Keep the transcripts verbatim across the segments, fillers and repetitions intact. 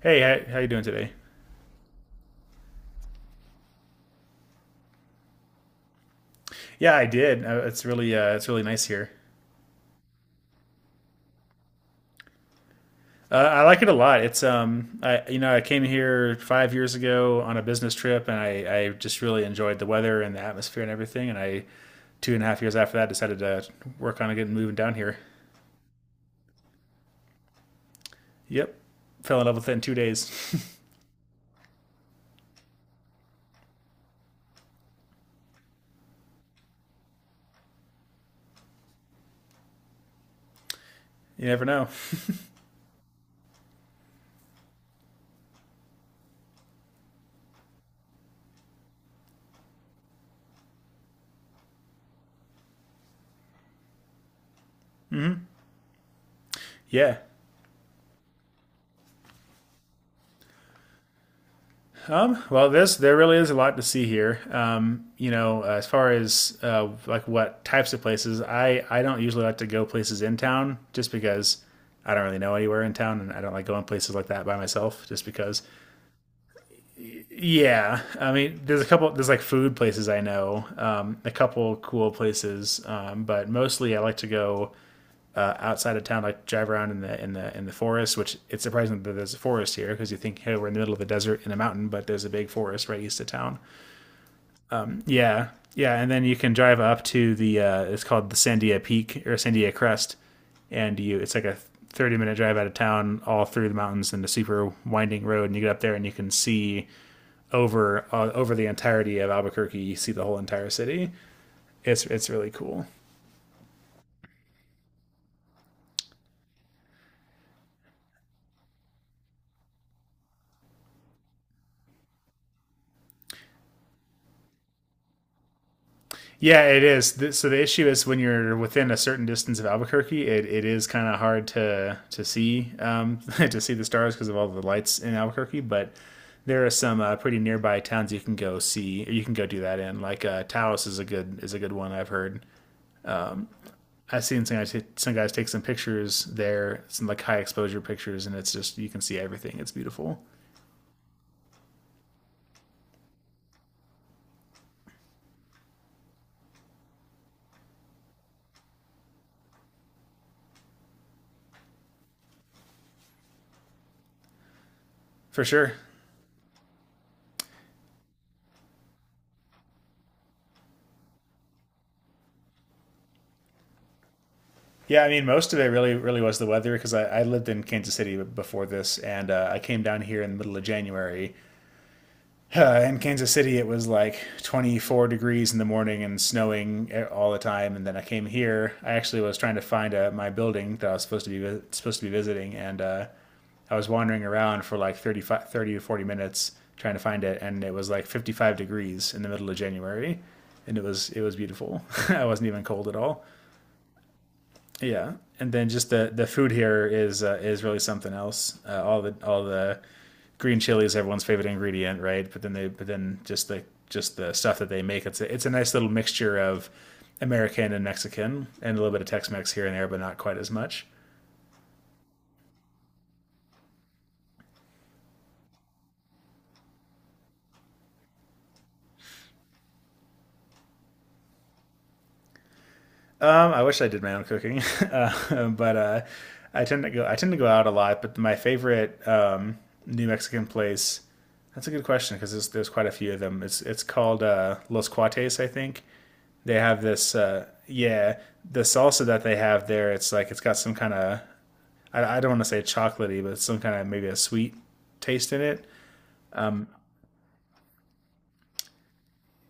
Hey, how, how you doing today? Yeah, I did. Uh, It's really uh, it's really nice here. Uh, I like it a lot. It's um, I you know I came here five years ago on a business trip, and I I just really enjoyed the weather and the atmosphere and everything. And I two and a half years after that decided to work on getting moving down here. Yep, fell in love with it in two days. You never know. Yeah. Um, well, this there really is a lot to see here. Um, you know, as far as uh, like what types of places, I I don't usually like to go places in town just because I don't really know anywhere in town, and I don't like going places like that by myself just because. Yeah, I mean, there's a couple there's like food places I know, um, a couple cool places, um, but mostly I like to go uh, outside of town, like drive around in the in the in the forest. Which it's surprising that there's a forest here because you think, hey, we're in the middle of the desert in a mountain, but there's a big forest right east of town. Yeah, yeah, and then you can drive up to the uh, it's called the Sandia Peak or Sandia Crest, and you it's like a thirty minute drive out of town, all through the mountains and a super winding road, and you get up there and you can see over uh, over the entirety of Albuquerque. You see the whole entire city. It's it's really cool. Yeah, it is. So the issue is when you're within a certain distance of Albuquerque, it, it is kind of hard to to see um, to see the stars because of all the lights in Albuquerque. But there are some uh, pretty nearby towns you can go see. Or you can go do that in. Like uh, Taos is a good is a good one I've heard. I've seen some guys, t- some guys take some pictures there, some like high exposure pictures, and it's just you can see everything. It's beautiful for sure. Yeah, I mean, most of it really, really was the weather because I, I lived in Kansas City before this, and uh, I came down here in the middle of January. Uh, in Kansas City, it was like twenty-four degrees in the morning and snowing eh, all the time. And then I came here. I actually was trying to find uh my building that I was supposed to be supposed to be visiting, and uh, I was wandering around for like thirty-five, thirty to forty minutes trying to find it, and it was like fifty-five degrees in the middle of January, and it was it was beautiful. I wasn't even cold at all. Yeah, and then just the the food here is uh, is really something else. Uh, all the all the green chili is everyone's favorite ingredient, right? But then they but then just the just the stuff that they make it's a, it's a nice little mixture of American and Mexican and a little bit of Tex-Mex here and there, but not quite as much. Um, I wish I did my own cooking, uh, but uh, I tend to go I tend to go out a lot. But my favorite um, New Mexican place. That's a good question because there's, there's quite a few of them. It's it's called uh, Los Cuates, I think, they have this uh, yeah, the salsa that they have there, it's like it's got some kind of I, I don't want to say chocolatey, but it's some kind of maybe a sweet taste in it.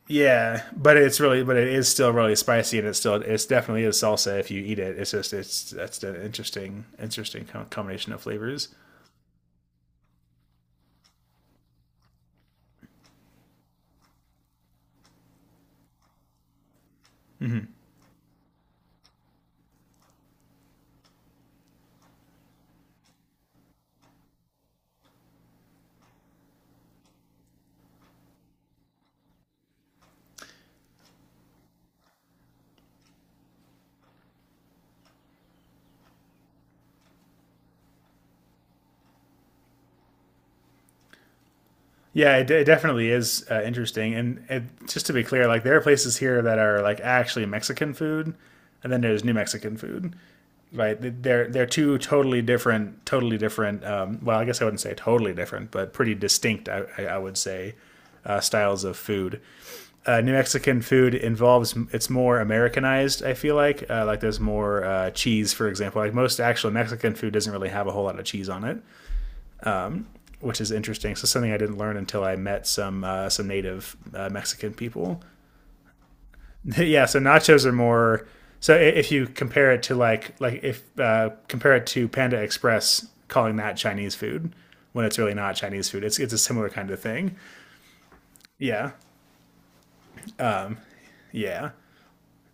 Yeah, but it's really, but it is still really spicy, and it's still it's definitely is salsa. If you eat it, it's just it's that's an interesting interesting combination of flavors. Yeah, it, it definitely is uh, interesting. And it, just to be clear, like there are places here that are like actually Mexican food, and then there's New Mexican food, right? They're they're two totally different, totally different. Um, well, I guess I wouldn't say totally different, but pretty distinct. I, I would say uh, styles of food. Uh, New Mexican food involves it's more Americanized. I feel like uh, like there's more uh, cheese, for example. Like most actual Mexican food doesn't really have a whole lot of cheese on it, which is interesting. So something I didn't learn until I met some uh, some native uh, Mexican people. Yeah, so nachos are more. So if you compare it to like like if uh, compare it to Panda Express, calling that Chinese food when it's really not Chinese food, it's it's a similar kind of thing. Yeah, yeah.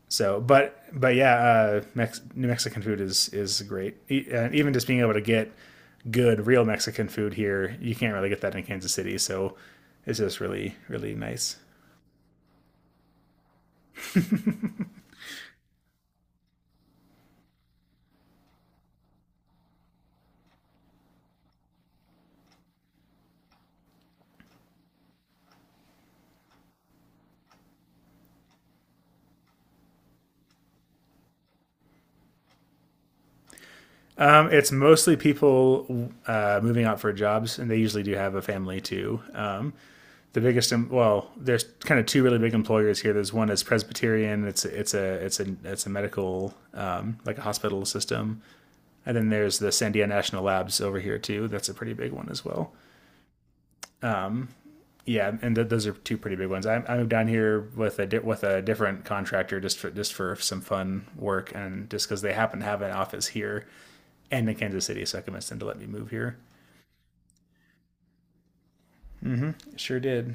So, but but yeah, uh, Mex- New Mexican food is is great, e- and even just being able to get good real Mexican food here, you can't really get that in Kansas City. So it's just really really nice. Um, it's mostly people uh, moving out for jobs, and they usually do have a family too. Um, the biggest, well, there's kind of two really big employers here. There's one is Presbyterian. It's it's a it's a it's a medical um, like a hospital system, and then there's the Sandia National Labs over here too. That's a pretty big one as well. Yeah, and th- those are two pretty big ones. I, I moved down here with a di- with a different contractor just for just for some fun work, and just because they happen to have an office here and in Kansas City, so I convinced them to let me move here. It Sure did.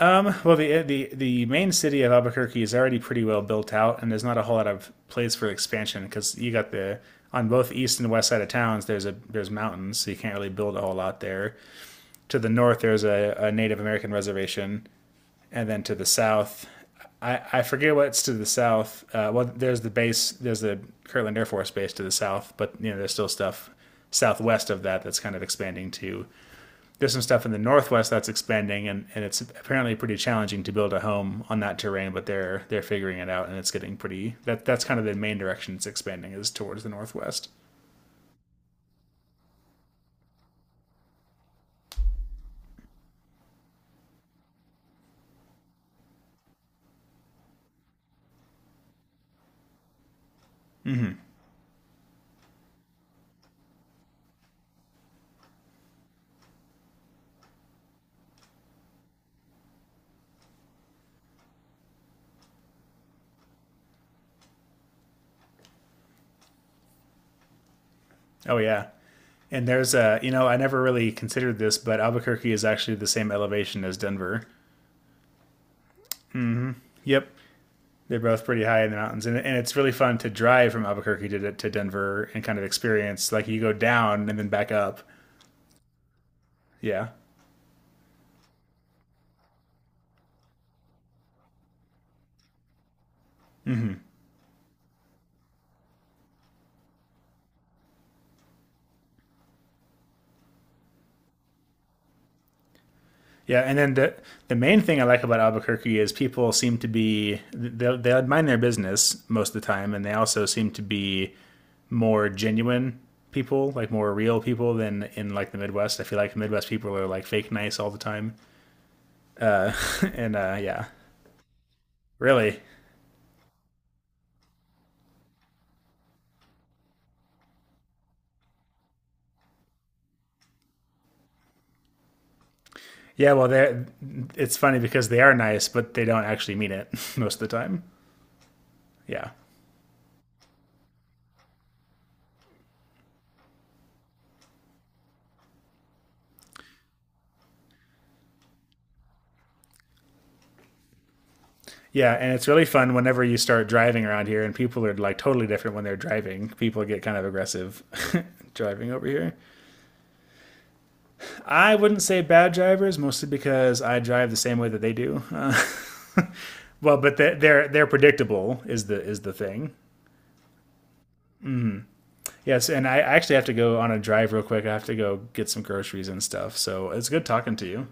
Um, well, the, the the main city of Albuquerque is already pretty well built out, and there's not a whole lot of place for expansion because you got the on both east and west side of towns. There's a there's mountains, so you can't really build a whole lot there. To the north, there's a, a Native American reservation, and then to the south, I, I forget what's to the south. Uh, well, there's the base, there's the Kirtland Air Force Base to the south, but you know there's still stuff southwest of that that's kind of expanding too. There's some stuff in the northwest that's expanding, and, and it's apparently pretty challenging to build a home on that terrain, but they're they're figuring it out, and it's getting pretty that that's kind of the main direction it's expanding is towards the northwest. Oh yeah, and there's a, you know, I never really considered this, but Albuquerque is actually the same elevation as Denver. Yep, they're both pretty high in the mountains, and, and it's really fun to drive from Albuquerque to, to Denver and kind of experience like you go down and then back up. Yeah. Yeah, and then the the main thing I like about Albuquerque is people seem to be they they mind their business most of the time, and they also seem to be more genuine people, like more real people than in like the Midwest. I feel like the Midwest people are like fake nice all the time, and uh, yeah, really, yeah. Well, they it's funny because they are nice, but they don't actually mean it most of the time. Yeah. Yeah, and it's really fun whenever you start driving around here, and people are like totally different when they're driving. People get kind of aggressive driving over here. I wouldn't say bad drivers, mostly because I drive the same way that they do. Uh, well, but they- they're they're predictable is the is the thing. Yes, and I actually have to go on a drive real quick. I have to go get some groceries and stuff. So it's good talking to you.